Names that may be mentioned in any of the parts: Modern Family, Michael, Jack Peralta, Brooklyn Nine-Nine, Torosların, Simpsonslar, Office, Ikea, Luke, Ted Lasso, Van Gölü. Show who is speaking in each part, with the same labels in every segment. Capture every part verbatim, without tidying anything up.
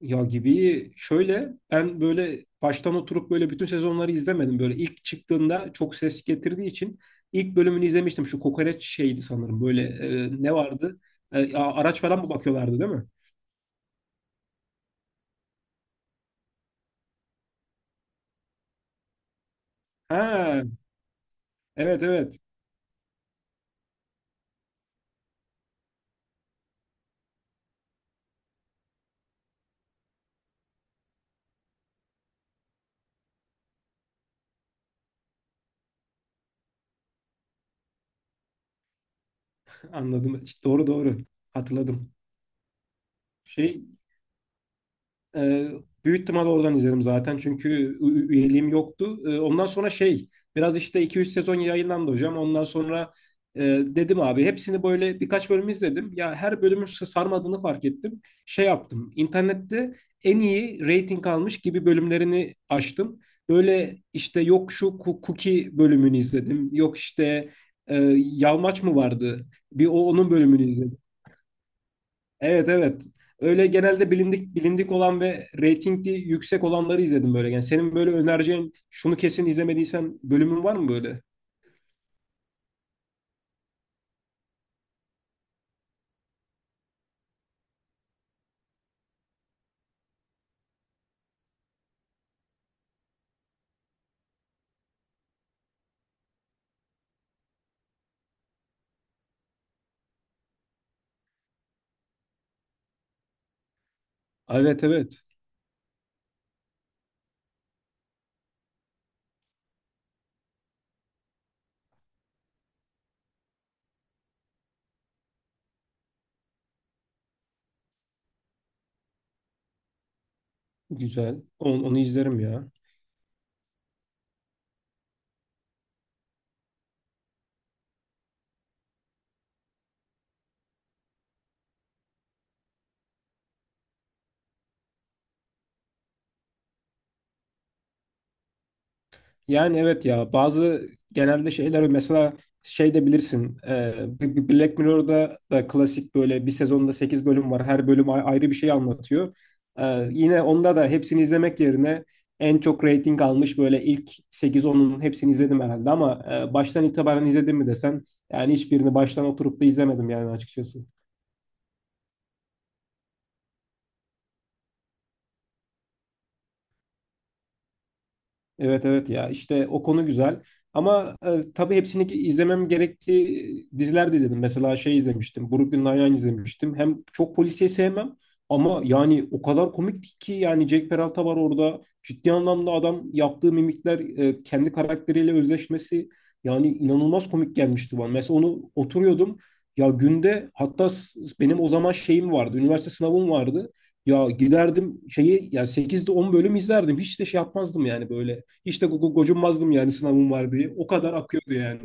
Speaker 1: Ya gibi şöyle ben böyle baştan oturup böyle bütün sezonları izlemedim. Böyle ilk çıktığında çok ses getirdiği için ilk bölümünü izlemiştim. Şu kokoreç şeydi sanırım böyle, e, ne vardı? E, a- araç falan mı bakıyorlardı, değil mi? Ha, evet evet, anladım. Doğru doğru hatırladım. Şey Ee, büyük ihtimal oradan izledim zaten çünkü ü- üyeliğim yoktu. Ee, ondan sonra şey biraz işte iki üç sezon yayınlandı hocam. Ondan sonra e, dedim abi hepsini böyle birkaç bölüm izledim. Ya her bölümün s- sarmadığını fark ettim. Şey yaptım internette en iyi rating almış gibi bölümlerini açtım. Böyle işte yok şu ku- Cookie bölümünü izledim. Yok işte, e, Yalmaç mı vardı? Bir o onun bölümünü izledim. Evet, evet. Öyle genelde bilindik bilindik olan ve reytingli yüksek olanları izledim böyle. Yani senin böyle önereceğin şunu kesin izlemediysen bölümün var mı böyle? Evet, evet. Güzel. Onu, onu izlerim ya. Yani evet ya bazı genelde şeyler mesela şey de bilirsin, e, B- B- Black Mirror'da da klasik böyle bir sezonda sekiz bölüm var, her bölüm a- ayrı bir şey anlatıyor. E, yine onda da hepsini izlemek yerine en çok rating almış böyle ilk sekiz onun hepsini izledim herhalde ama, e, baştan itibaren izledim mi desen yani hiçbirini baştan oturup da izlemedim yani açıkçası. Evet evet ya, işte o konu güzel. Ama e, tabii hepsini ki- izlemem gerektiği diziler de izledim. Mesela şey izlemiştim. Brooklyn Nine-Nine izlemiştim. Hem çok polisiye sevmem ama yani o kadar komikti ki, yani Jack Peralta var orada. Ciddi anlamda adam yaptığı mimikler, e, kendi karakteriyle özleşmesi, yani inanılmaz komik gelmişti bana. Mesela onu oturuyordum. Ya günde hatta s- benim o zaman şeyim vardı. Üniversite sınavım vardı. Ya giderdim şeyi, ya sekizde on bölüm izlerdim. Hiç de şey yapmazdım yani, böyle hiç de go- go- gocunmazdım yani sınavım var diye. O kadar akıyordu yani.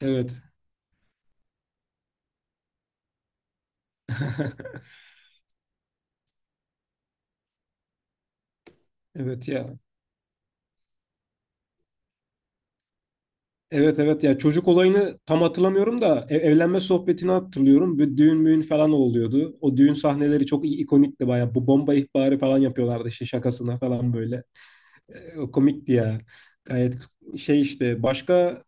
Speaker 1: Evet. Evet ya. Evet evet ya, çocuk olayını tam hatırlamıyorum da ev- evlenme sohbetini hatırlıyorum. Bir düğün müğün falan oluyordu. O düğün sahneleri çok i- ikonikti bayağı. Bu bomba ihbarı falan yapıyorlardı işte, şakasına falan böyle. E, O komikti ya. Gayet şey işte, başka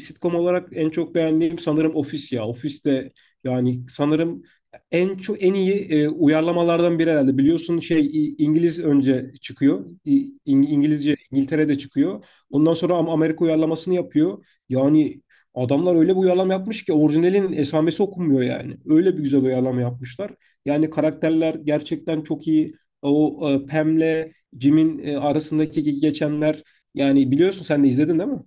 Speaker 1: sitcom olarak en çok beğendiğim sanırım Office ya. Office de yani sanırım en çok en iyi e, uyarlamalardan biri herhalde. Biliyorsun şey, İ- İngiliz önce çıkıyor. İ- İng- İngilizce İngiltere'de çıkıyor. Ondan sonra Am- Amerika uyarlamasını yapıyor. Yani adamlar öyle bir uyarlama yapmış ki orijinalin esamesi okunmuyor yani. Öyle bir güzel uyarlama yapmışlar. Yani karakterler gerçekten çok iyi. O, e, Pam'le Jim'in e, arasındaki geçenler, yani biliyorsun sen de izledin, değil mi?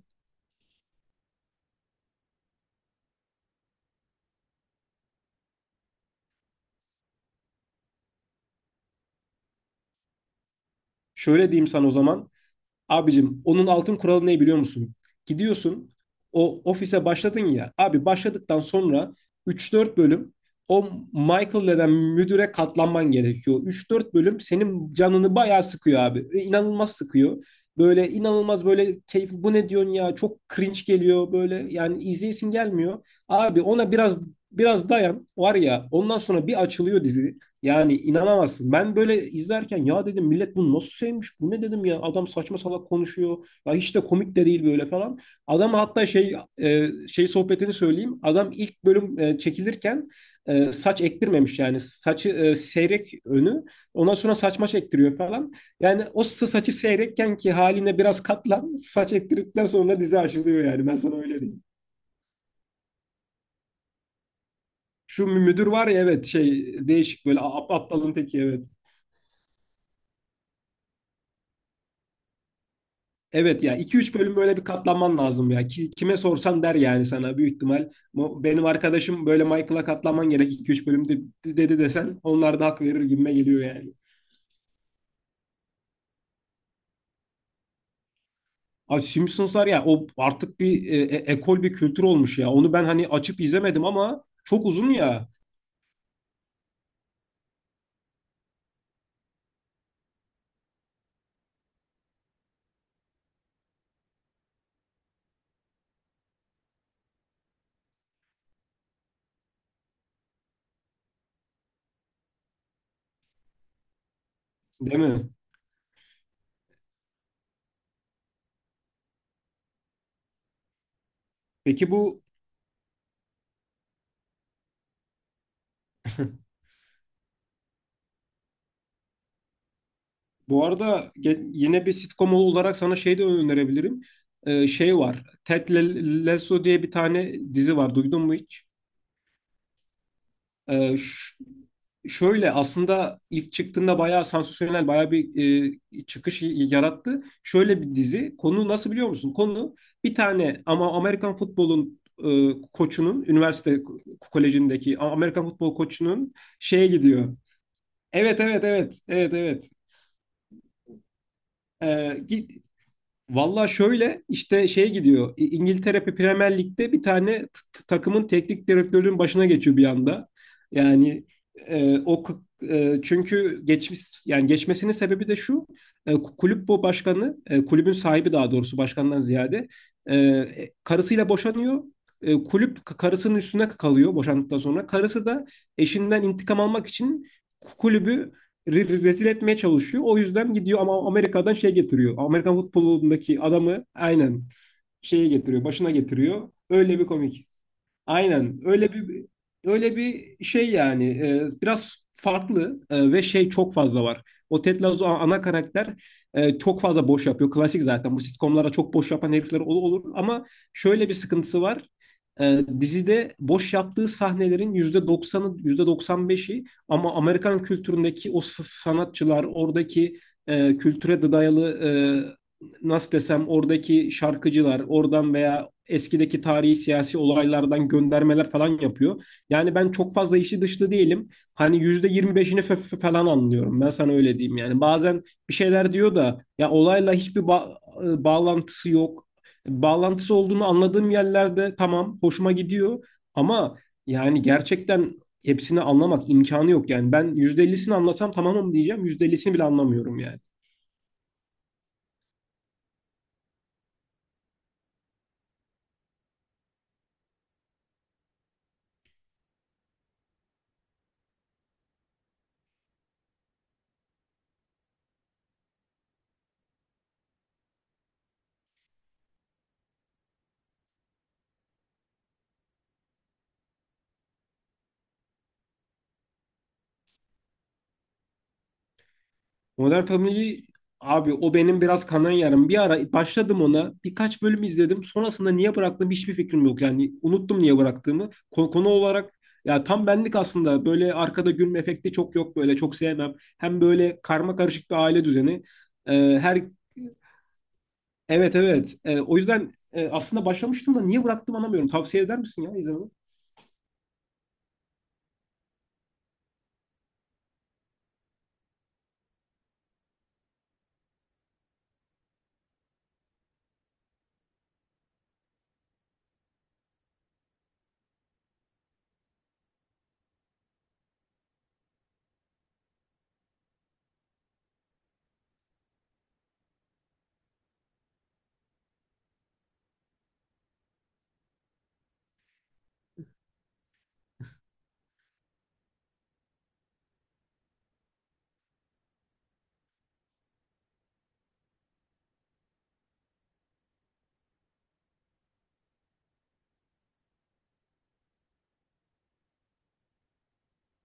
Speaker 1: Şöyle diyeyim sana o zaman. Abicim, onun altın kuralı ne biliyor musun? Gidiyorsun o ofise, başladın ya. Abi başladıktan sonra üç dört bölüm o Michael denen müdüre katlanman gerekiyor. Üç dört bölüm senin canını bayağı sıkıyor abi. E, İnanılmaz sıkıyor. Böyle inanılmaz, böyle keyif bu ne diyorsun ya, çok cringe geliyor böyle, yani izleyesin gelmiyor. Abi ona biraz biraz dayan, var ya, ondan sonra bir açılıyor dizi. Yani inanamazsın. Ben böyle izlerken ya, dedim millet bunu nasıl sevmiş? Bu ne dedim ya? Adam saçma salak konuşuyor. Ya hiç de komik de değil böyle falan. Adam hatta şey, e, şey sohbetini söyleyeyim. Adam ilk bölüm e, çekilirken e, saç ektirmemiş yani. Saçı e, seyrek önü. Ondan sonra saçma çektiriyor falan. Yani o sa- saçı seyrekken ki haline biraz katlan. Saç ektirdikten sonra dizi açılıyor yani. Ben sana öyle diyeyim. Şu müdür var ya, evet, şey değişik böyle, ap- aptalın teki evet. Evet ya, iki üç bölüm böyle bir katlanman lazım ya. Ki- kime sorsan der yani sana büyük ihtimal. Mo- Benim arkadaşım böyle, Michael'a katlanman gerek iki üç bölüm, de- dedi desen onlar da hak verir gibime geliyor yani. Abi Simpsonslar ya, o artık bir, e, e- ekol bir kültür olmuş ya. Onu ben hani açıp izlemedim ama çok uzun ya, değil mi? Peki bu bu arada ge- yine bir sitcom olarak sana şey de önerebilirim. Ee, şey var. Ted Le- Lasso diye bir tane dizi var. Duydun mu hiç? Ee, ş- şöyle aslında ilk çıktığında bayağı sansasyonel, bayağı bir e, çıkış y- yarattı. Şöyle bir dizi. Konu nasıl biliyor musun? Konu bir tane ama Amerikan futbolun, e, koçunun üniversite ko- kolejindeki A- Amerikan futbol koçunun şeye gidiyor. Evet evet evet evet evet. Ee, gi- Valla şöyle işte şey gidiyor. İ- İngiltere Premier Lig'de bir tane t- t- takımın teknik direktörünün başına geçiyor bir anda. Yani e, o k- e, çünkü geçmiş yani, geçmesinin sebebi de şu. E, ku- kulüp bu başkanı, e, kulübün sahibi daha doğrusu, başkandan ziyade e, e, karısıyla boşanıyor. E, kulüp k- karısının üstüne kalıyor boşandıktan sonra. Karısı da eşinden intikam almak için kulübü re- re- rezil etmeye çalışıyor. O yüzden gidiyor ama Amerika'dan şey getiriyor. Amerikan futbolundaki adamı aynen şeye getiriyor, başına getiriyor. Öyle bir komik. Aynen öyle bir, öyle bir şey yani, e, biraz farklı, e, ve şey çok fazla var. O Ted Lasso a- ana karakter e, çok fazla boş yapıyor. Klasik zaten bu sitcomlara çok boş yapan herifler ol- olur ama şöyle bir sıkıntısı var. E, dizide boş yaptığı sahnelerin yüzde doksanı, yüzde doksan beşi, ama Amerikan kültüründeki o s- sanatçılar, oradaki e, kültüre de dayalı, e, nasıl desem, oradaki şarkıcılar oradan veya eskideki tarihi siyasi olaylardan göndermeler falan yapıyor. Yani ben çok fazla işi dışlı değilim. Hani yüzde yirmi beşini falan anlıyorum. Ben sana öyle diyeyim yani. Bazen bir şeyler diyor da ya, olayla hiçbir ba- e, bağlantısı yok. Bağlantısı olduğunu anladığım yerlerde tamam, hoşuma gidiyor ama, yani gerçekten hepsini anlamak imkanı yok yani. Ben yüzde ellisini anlasam tamamım diyeceğim. yüzde ellisini bile anlamıyorum yani. Modern Family, abi o benim biraz kanayan yarım. Bir ara başladım ona. Birkaç bölüm izledim. Sonrasında niye bıraktığım hiçbir fikrim yok. Yani unuttum niye bıraktığımı. Konu, konu olarak ya tam benlik aslında. Böyle arkada gülme efekti çok yok böyle. Çok sevmem. Hem böyle karma karışık bir aile düzeni. Ee, her Evet, evet. E, o yüzden e, aslında başlamıştım da, niye bıraktım anlamıyorum. Tavsiye eder misin ya izlememi?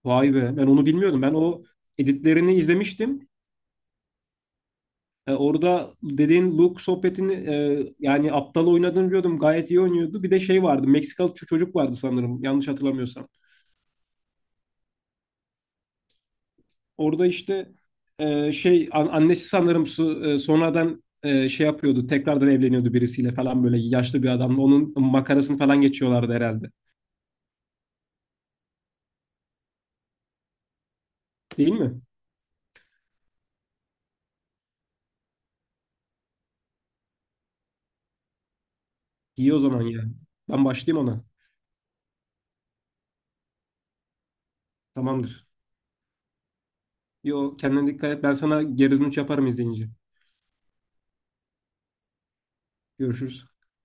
Speaker 1: Vay be, ben onu bilmiyordum. Ben o editlerini izlemiştim. E, orada dediğin Luke sohbetini, e, yani aptal oynadığını biliyordum. Gayet iyi oynuyordu. Bir de şey vardı. Meksikalı ço- çocuk vardı sanırım. Yanlış hatırlamıyorsam. Orada işte, e, şey an- annesi sanırım su- e, sonradan e, şey yapıyordu. Tekrardan evleniyordu birisiyle falan, böyle yaşlı bir adamla. Onun makarasını falan geçiyorlardı herhalde. Değil mi? İyi o zaman ya. Ben başlayayım ona. Tamamdır. Yo, kendine dikkat et. Ben sana geri dönüş yaparım izleyince. Görüşürüz.